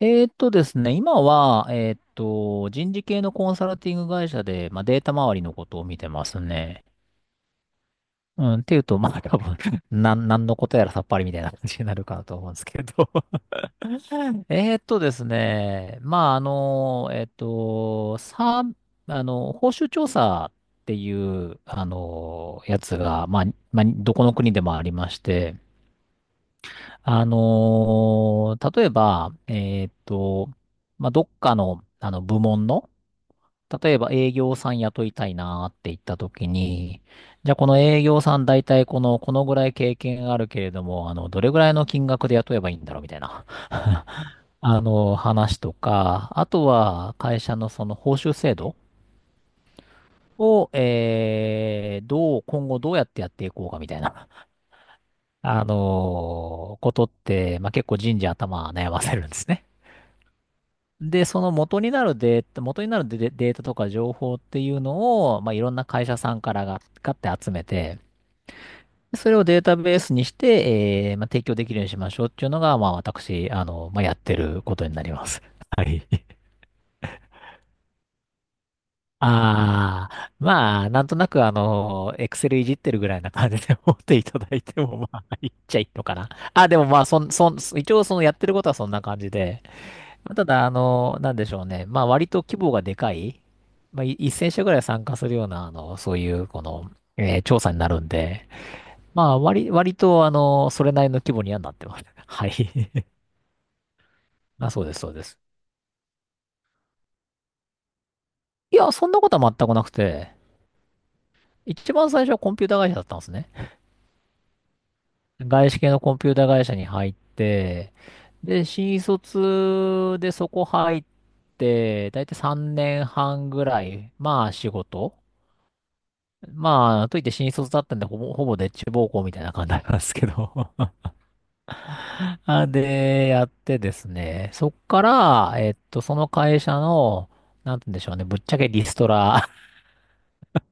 ですね、今は、人事系のコンサルティング会社で、データ周りのことを見てますね。うん、っていうと、多分、なんのことやらさっぱりみたいな感じになるかなと思うんですけど。ですね、まあ、あの、えーっと、さ、あの、報酬調査っていう、やつが、どこの国でもありまして、例えば、どっかの、部門の、例えば営業さん雇いたいなーって言った時に、じゃあこの営業さん大体このぐらい経験あるけれども、どれぐらいの金額で雇えばいいんだろうみたいな、話とか、あとは会社のその報酬制度を、今後どうやってやっていこうかみたいな、あのことって、結構人事頭悩ませるんですね。で、その元になるデデータとか情報っていうのを、いろんな会社さんからが、買って集めて、それをデータベースにして、提供できるようにしましょうっていうのが、私、やってることになります。はい。ああ、なんとなく、エクセルいじってるぐらいな感じで思っていただいても、いっちゃいいのかな。あ、でもまあ、そん、そん、一応、やってることはそんな感じで、ただ、なんでしょうね。割と規模がでかい、1000社ぐらい参加するような、あの、そういう、この、えー調査になるんで、割と、それなりの規模にはなってます。はい。あ、そうです、そうです。いや、そんなことは全くなくて、一番最初はコンピュータ会社だったんですね。外資系のコンピュータ会社に入って、で、新卒でそこ入って、だいたい3年半ぐらい、仕事。といって新卒だったんで、ほぼでっち奉公みたいな感じなんですけど。で、やってですね、そっから、その会社の、なんて言うんでしょうね、ぶっちゃけリストラ。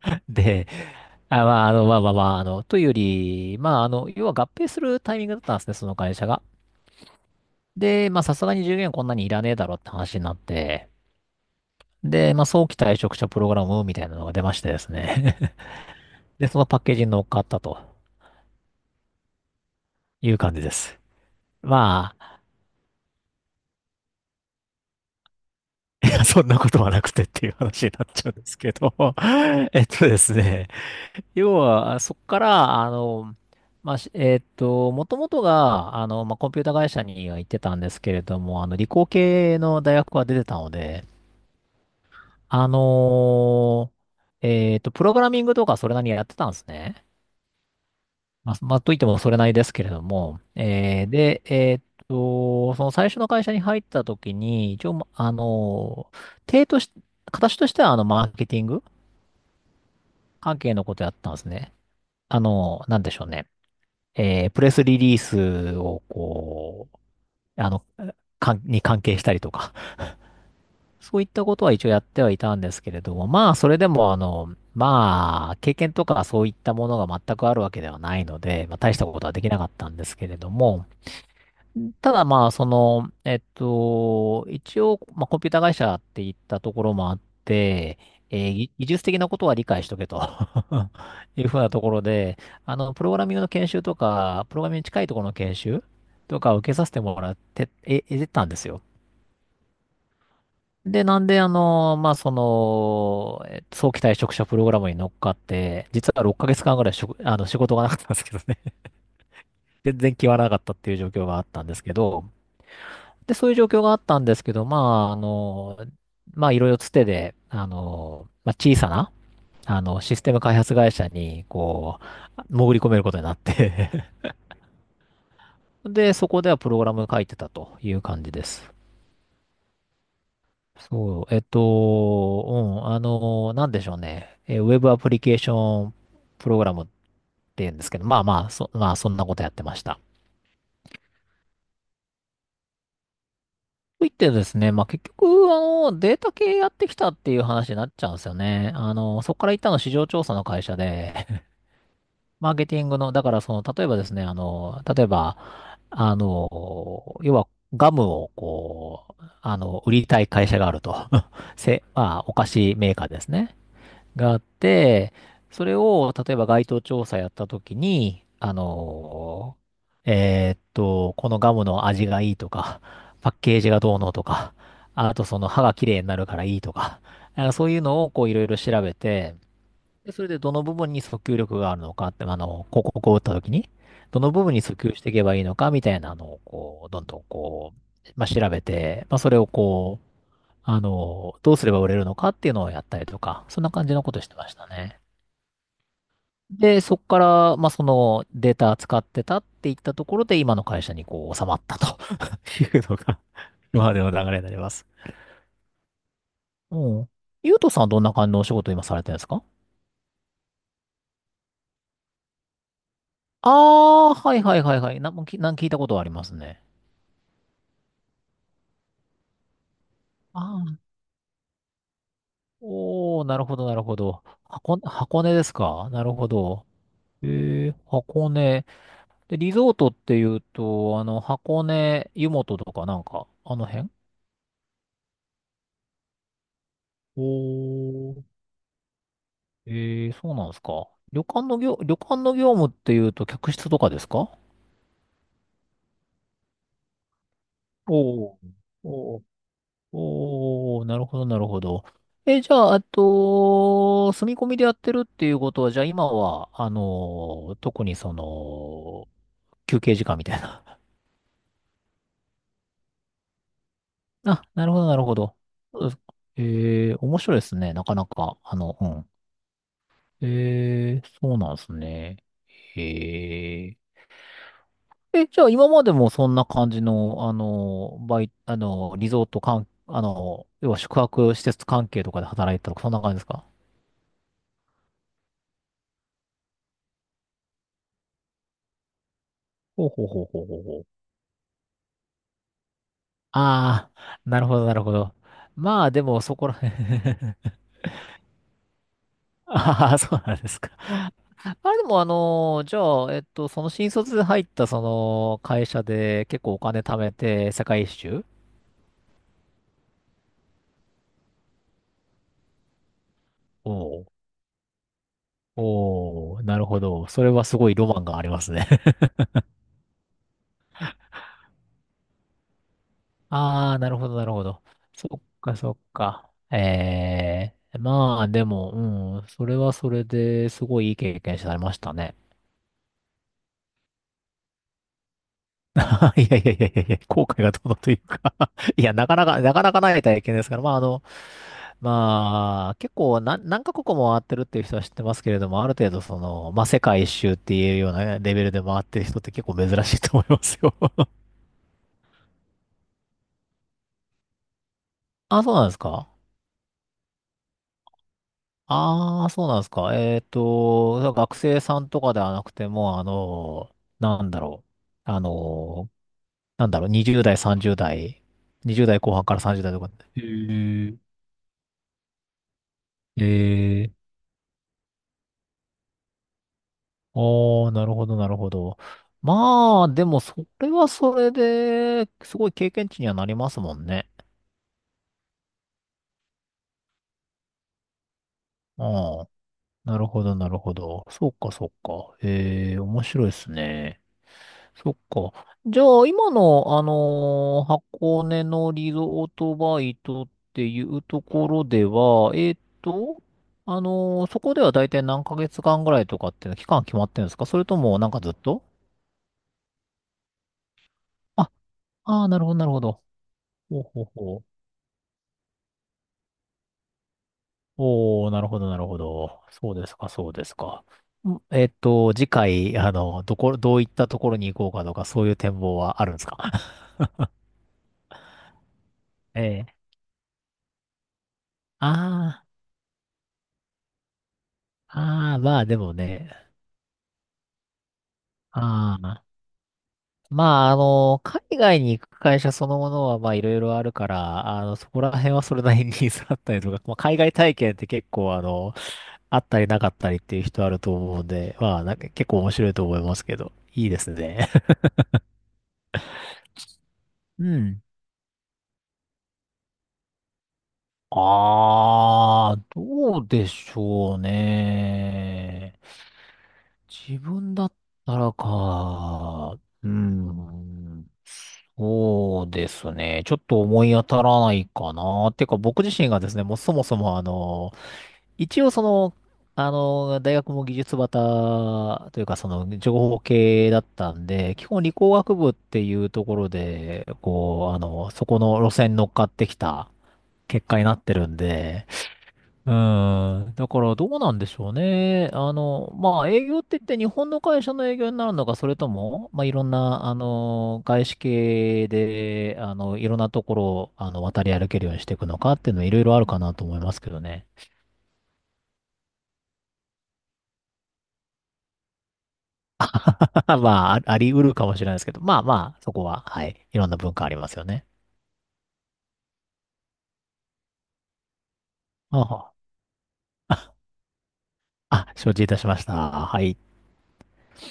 で、あ、というより、要は合併するタイミングだったんですね、その会社が。で、さすがに従業員こんなにいらねえだろって話になって、で、早期退職者プログラムみたいなのが出ましてですね。で、そのパッケージに乗っかったという感じです。まあ、そんなことはなくてっていう話になっちゃうんですけど。 えっとですね。要は、そこから、あの、まあ、しえっと、もともとが、コンピュータ会社には行ってたんですけれども、理工系の大学は出てたので、あのプログラミングとかそれなりにやってたんですね。といってもそれなりですけれども、えーで、えっと、その最初の会社に入った時に、一応、まあのー手とし、形としては、マーケティング関係のことやったんですね。なんでしょうね。プレスリリースをこう、あの、かんに関係したりとか、そういったことは一応やってはいたんですけれども、それでも、経験とかそういったものが全くあるわけではないので、大したことはできなかったんですけれども、ただ一応、コンピュータ会社って言ったところもあって、えーぎ技術的なことは理解しとけと いうふうなところで、プログラミングの研修とか、プログラミングに近いところの研修とかを受けさせてもらって、たんですよ。で、なんで、早期退職者プログラムに乗っかって、実は6ヶ月間ぐらいしょあの、仕事がなかったんですけどね。全然決まらなかったっていう状況があったんですけど、で、そういう状況があったんですけど、あ、あの、いろいろつてで、小さな、システム開発会社に、潜り込めることになって。 で、そこではプログラム書いてたという感じです。そう、うん、なんでしょうね。ウェブアプリケーションプログラムっていうんですけど、まあまあ、そ、まあ、そんなことやってました。といってですね、結局、データ系やってきたっていう話になっちゃうんですよね。そこから行ったの市場調査の会社で、マーケティングの、だからその、例えばですね、例えば、要は、ガムを、売りたい会社があると。せ、まあ、お菓子メーカーですね。があって、それを、例えば該当調査やったときに、このガムの味がいいとか、パッケージがどうのとか、あとその歯が綺麗になるからいいとか、そういうのをいろいろ調べて、で、それでどの部分に訴求力があるのかって、広告を打ったときに、どの部分に訴求していけばいいのかみたいなのを、どんどん調べて、それをどうすれば売れるのかっていうのをやったりとか、そんな感じのことしてましたね。で、そこから、そのデータ使ってたっていったところで、今の会社に収まったと いうのが、今までの流れになります。うん。ゆうとさんはどんな感じのお仕事を今されてるんですか？ああー、はいはいはいはい。なんもきなん聞いたことはありますね。ああ、おー、なるほどなるほど。箱根ですか？なるほど。えー、箱根。で、リゾートっていうと、箱根、湯本とかなんか、あの辺？おー。えー、そうなんですか。旅館の業務っていうと客室とかですか？おー。おー。おー、なるほど、なるほど。え、じゃあ、あと、住み込みでやってるっていうことは、じゃあ今は、特にその、休憩時間みたいな。あ、なるほど、なるほど。そうですか？えー、面白いですね。なかなか、うん、ええ、そうなんですね。へえ。え、じゃあ今までもそんな感じの、あの、バイ、あの、リゾート関あの、要は宿泊施設関係とかで働いてたとか、そんな感じですか？ほうほうほうほうほうほう。ああ、なるほど、なるほど。まあ、でも、そこら辺。 ああ、そうなんですか。あれでも、じゃあ、その新卒で入った、会社で結構お金貯めて、世界一周を。おー、なるほど。それはすごいロマンがありますね。あー、なるほど、なるほど。そっか、そっか。まあ、でも、うん、それはそれですごいいい経験されましたね。いやいやいやいやいや、後悔がどうのというか。 いや、なかなかない体験ですから、まあ、まあ、結構何カ国も回ってるっていう人は知ってますけれども、ある程度まあ、世界一周っていうようなレベルで回ってる人って結構珍しいと思いますよ。あ、そうなんですか。ああ、そうなんですか。学生さんとかではなくても、なんだろう。あの、なんだろう、20代、30代、20代後半から30代とか。へえ、ええ、ああ、なるほど、なるほど。まあ、でも、それはそれで、すごい経験値にはなりますもんね。うん。なるほど、なるほど。そうか、そうか。ええ、面白いですね。そっか。じゃあ、今の、箱根のリゾートバイトっていうところでは、そこでは大体何ヶ月間ぐらいとかっていうの期間決まってるんですか？それとも、なんかずっと。あ、ああー、なるほど、なるほど。ほうほうほう。おー、なるほど、なるほど。そうですか、そうですか。次回、どういったところに行こうかとか、そういう展望はあるんですか？ ええ。ああ、ああ、まあでもね、ああ、まあ、海外に行く会社そのものは、まあいろいろあるから、そこら辺はそれなりに ニーズあったりとか、まあ、海外体験って結構、あったりなかったりっていう人あると思うんで、まあ、なんか結構面白いと思いますけど、いいですね。うん。ああ、どうでしょうね。自分だったらか。うん。そうですね。ちょっと思い当たらないかな。てか僕自身がですね、もうそもそも一応大学も技術バタというかその情報系だったんで、基本理工学部っていうところで、そこの路線に乗っかってきた結果になってるんで、うーん。だからどうなんでしょうね。まあ営業って言って日本の会社の営業になるのか、それとも、まあいろんな、外資系で、いろんなところを、渡り歩けるようにしていくのかっていうのはいろいろあるかなと思いますけどね。まあ、ああり得るかもしれないですけど、まあまあ、そこは、はい。いろんな文化ありますよね。ああ、あ承知いたしました。はい。